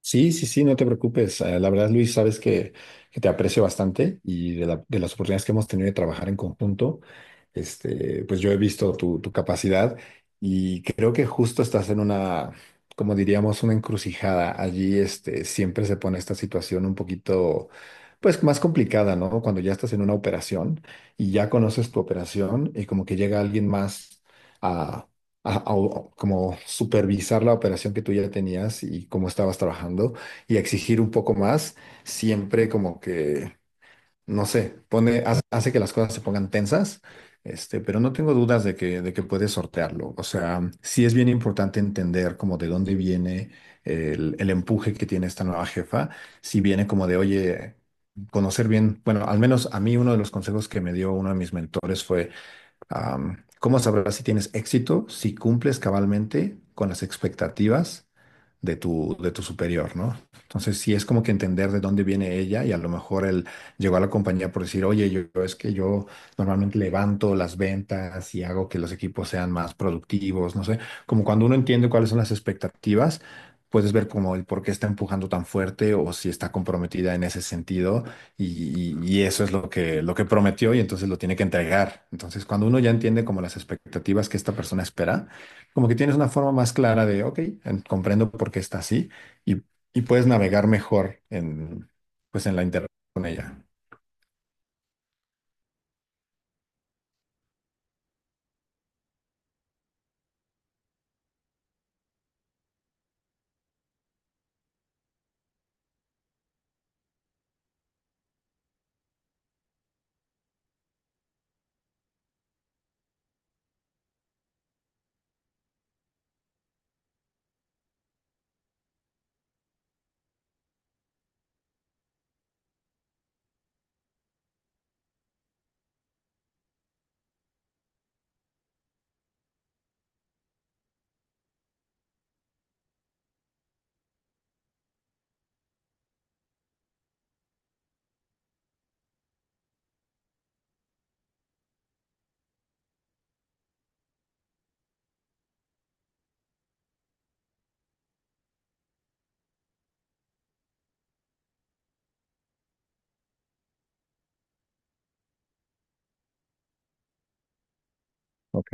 Sí, sí, sí, no te preocupes. La verdad, Luis, sabes que te aprecio bastante y de las oportunidades que hemos tenido de trabajar en conjunto, pues yo he visto tu capacidad y creo que justo estás en una, como diríamos, una encrucijada. Allí, siempre se pone esta situación un poquito, pues más complicada, ¿no? Cuando ya estás en una operación y ya conoces tu operación y como que llega alguien más como supervisar la operación que tú ya tenías y cómo estabas trabajando y exigir un poco más, siempre como que, no sé, pone, hace, hace que las cosas se pongan tensas, pero no tengo dudas de que puedes sortearlo. O sea, sí es bien importante entender como de dónde viene el empuje que tiene esta nueva jefa, si viene como de, oye, conocer bien, bueno, al menos a mí uno de los consejos que me dio uno de mis mentores fue. ¿Cómo sabrás si tienes éxito? Si cumples cabalmente con las expectativas de tu superior, ¿no? Entonces, sí es como que entender de dónde viene ella y a lo mejor él llegó a la compañía por decir, oye, yo es que yo normalmente levanto las ventas y hago que los equipos sean más productivos, no sé, como cuando uno entiende cuáles son las expectativas. Puedes ver como el por qué está empujando tan fuerte o si está comprometida en ese sentido y eso es lo que prometió y entonces lo tiene que entregar. Entonces, cuando uno ya entiende como las expectativas que esta persona espera, como que tienes una forma más clara de, ok, comprendo por qué está así y, y puedes navegar mejor en, pues en la interacción con ella. Ok,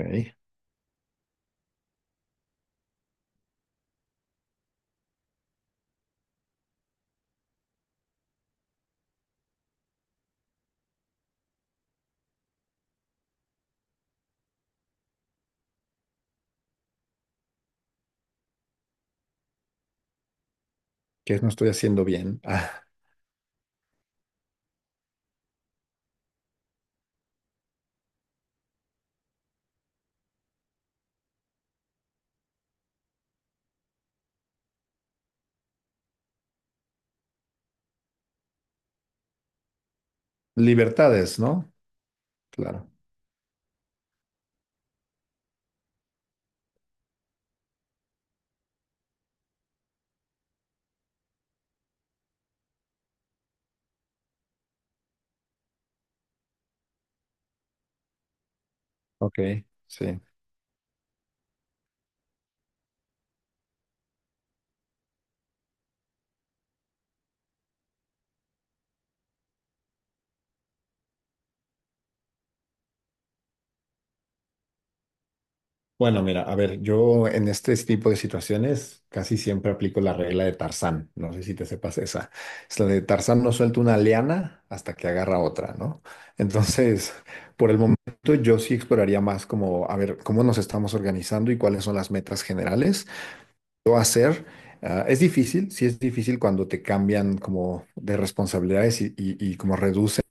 ¿qué no estoy haciendo bien? Ah, libertades, ¿no? Claro. Ok, sí. Bueno, mira, a ver, yo en este tipo de situaciones casi siempre aplico la regla de Tarzán. No sé si te sepas esa. Es la de Tarzán, no suelta una liana hasta que agarra otra, ¿no? Entonces, por el momento yo sí exploraría más como, a ver, cómo nos estamos organizando y cuáles son las metas generales lo hacer. Ah, es difícil, sí es difícil cuando te cambian como de responsabilidades y como reducen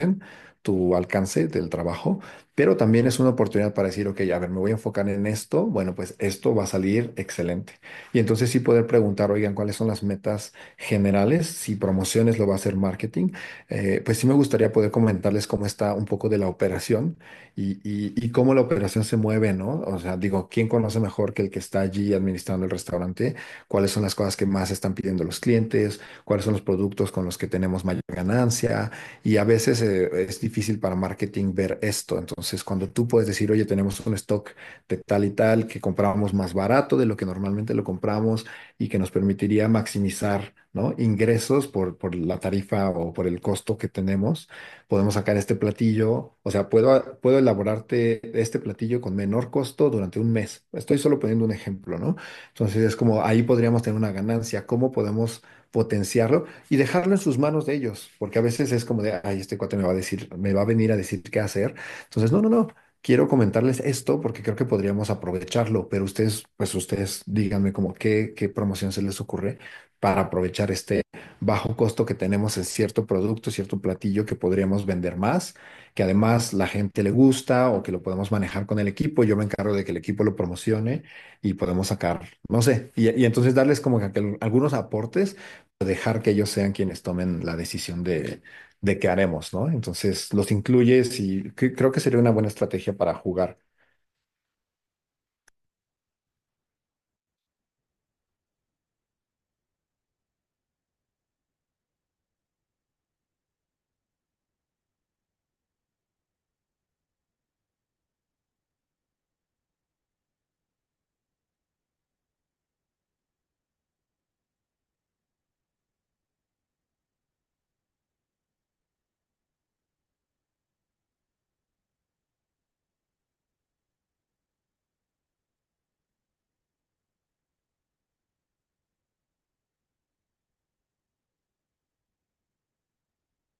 tu alcance del trabajo, pero también es una oportunidad para decir, ok, a ver, me voy a enfocar en esto, bueno, pues esto va a salir excelente. Y entonces sí poder preguntar, oigan, ¿cuáles son las metas generales? Si promociones lo va a hacer marketing, pues sí me gustaría poder comentarles cómo está un poco de la operación y cómo la operación se mueve, ¿no? O sea, digo, ¿quién conoce mejor que el que está allí administrando el restaurante? Cuáles son las cosas que más están pidiendo los clientes, cuáles son los productos con los que tenemos mayor ganancia. Y a veces es difícil para marketing ver esto. Entonces, cuando tú puedes decir, oye, tenemos un stock de tal y tal que compramos más barato de lo que normalmente lo compramos y que nos permitiría maximizar, ¿no?, ingresos por la tarifa o por el costo que tenemos, podemos sacar este platillo, o sea, puedo elaborarte este platillo con menor costo durante un mes. Estoy solo poniendo un ejemplo, ¿no? Entonces es como ahí podríamos tener una ganancia, cómo podemos potenciarlo y dejarlo en sus manos de ellos, porque a veces es como de, ay, este cuate me va a decir, me va a venir a decir qué hacer. Entonces, no, no, no, quiero comentarles esto porque creo que podríamos aprovecharlo, pero ustedes, pues ustedes díganme como qué, qué promoción se les ocurre para aprovechar este bajo costo que tenemos en cierto producto, cierto platillo que podríamos vender más, que además la gente le gusta o que lo podemos manejar con el equipo. Yo me encargo de que el equipo lo promocione y podemos sacar, no sé, y entonces darles como que algunos aportes, dejar que ellos sean quienes tomen la decisión de qué haremos, ¿no? Entonces los incluyes y creo que sería una buena estrategia para jugar.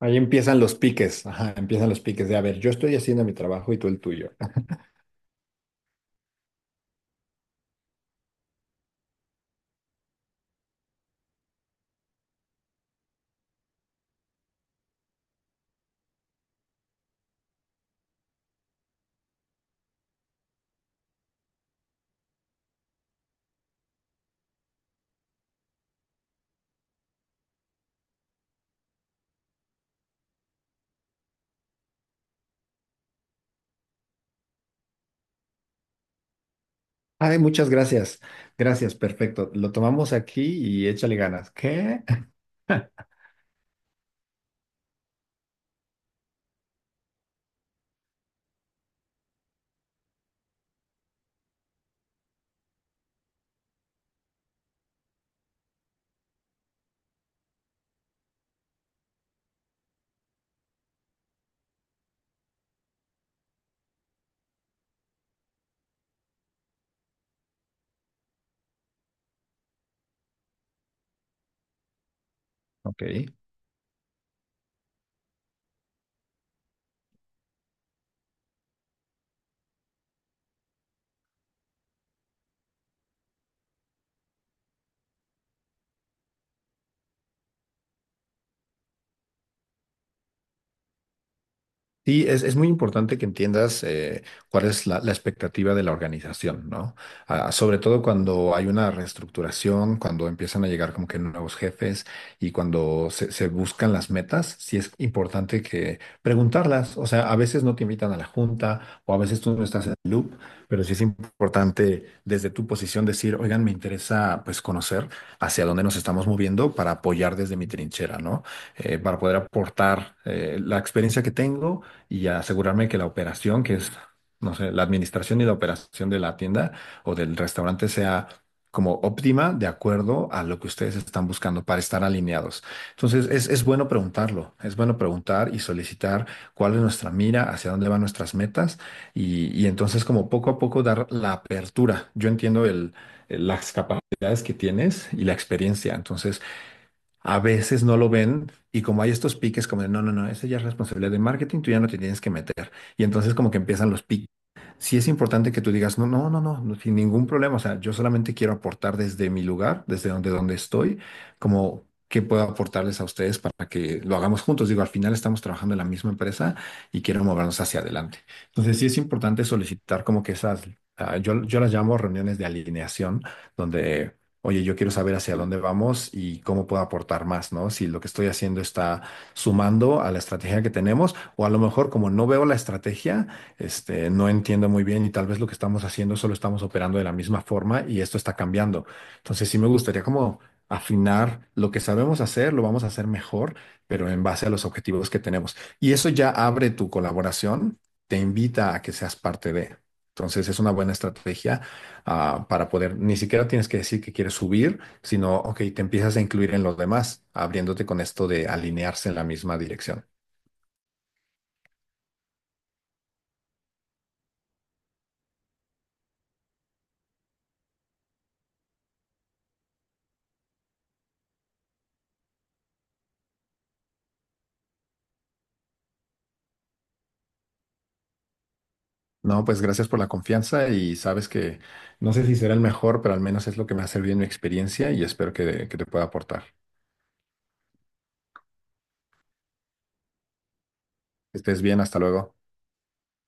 Ahí empiezan los piques, ajá, empiezan los piques de, a ver, yo estoy haciendo mi trabajo y tú el tuyo. Ay, muchas gracias, gracias, perfecto. Lo tomamos aquí y échale ganas. ¿Qué? Ok. Sí, es muy importante que entiendas cuál es la expectativa de la organización, ¿no? Ah, sobre todo cuando hay una reestructuración, cuando empiezan a llegar como que nuevos jefes y cuando se buscan las metas, sí es importante que preguntarlas. O sea, a veces no te invitan a la junta o a veces tú no estás en el loop, pero sí es importante desde tu posición decir, oigan, me interesa pues conocer hacia dónde nos estamos moviendo para apoyar desde mi trinchera, ¿no? Para poder aportar la experiencia que tengo y asegurarme que la operación, que es, no sé, la administración y la operación de la tienda o del restaurante sea como óptima de acuerdo a lo que ustedes están buscando para estar alineados. Entonces, es bueno preguntarlo, es bueno preguntar y solicitar cuál es nuestra mira, hacia dónde van nuestras metas y entonces como poco a poco dar la apertura. Yo entiendo las capacidades que tienes y la experiencia, entonces a veces no lo ven y como hay estos piques como de no, no, no, esa ya es responsabilidad de marketing, tú ya no te tienes que meter. Y entonces como que empiezan los piques. Sí es importante que tú digas, no, no, no, no, no, sin ningún problema. O sea, yo solamente quiero aportar desde mi lugar, desde donde, donde estoy, como qué puedo aportarles a ustedes para que lo hagamos juntos. Digo, al final estamos trabajando en la misma empresa y quiero movernos hacia adelante. Entonces sí es importante solicitar como que esas, yo las llamo reuniones de alineación, donde oye, yo quiero saber hacia dónde vamos y cómo puedo aportar más, ¿no? Si lo que estoy haciendo está sumando a la estrategia que tenemos, o a lo mejor como no veo la estrategia, no entiendo muy bien y tal vez lo que estamos haciendo solo estamos operando de la misma forma y esto está cambiando. Entonces sí me gustaría como afinar lo que sabemos hacer, lo vamos a hacer mejor, pero en base a los objetivos que tenemos. Y eso ya abre tu colaboración, te invita a que seas parte de. Entonces es una buena estrategia para poder, ni siquiera tienes que decir que quieres subir, sino, ok, te empiezas a incluir en los demás, abriéndote con esto de alinearse en la misma dirección. No, pues gracias por la confianza y sabes que no sé si será el mejor, pero al menos es lo que me ha servido en mi experiencia y espero que te pueda aportar. Que estés bien, hasta luego.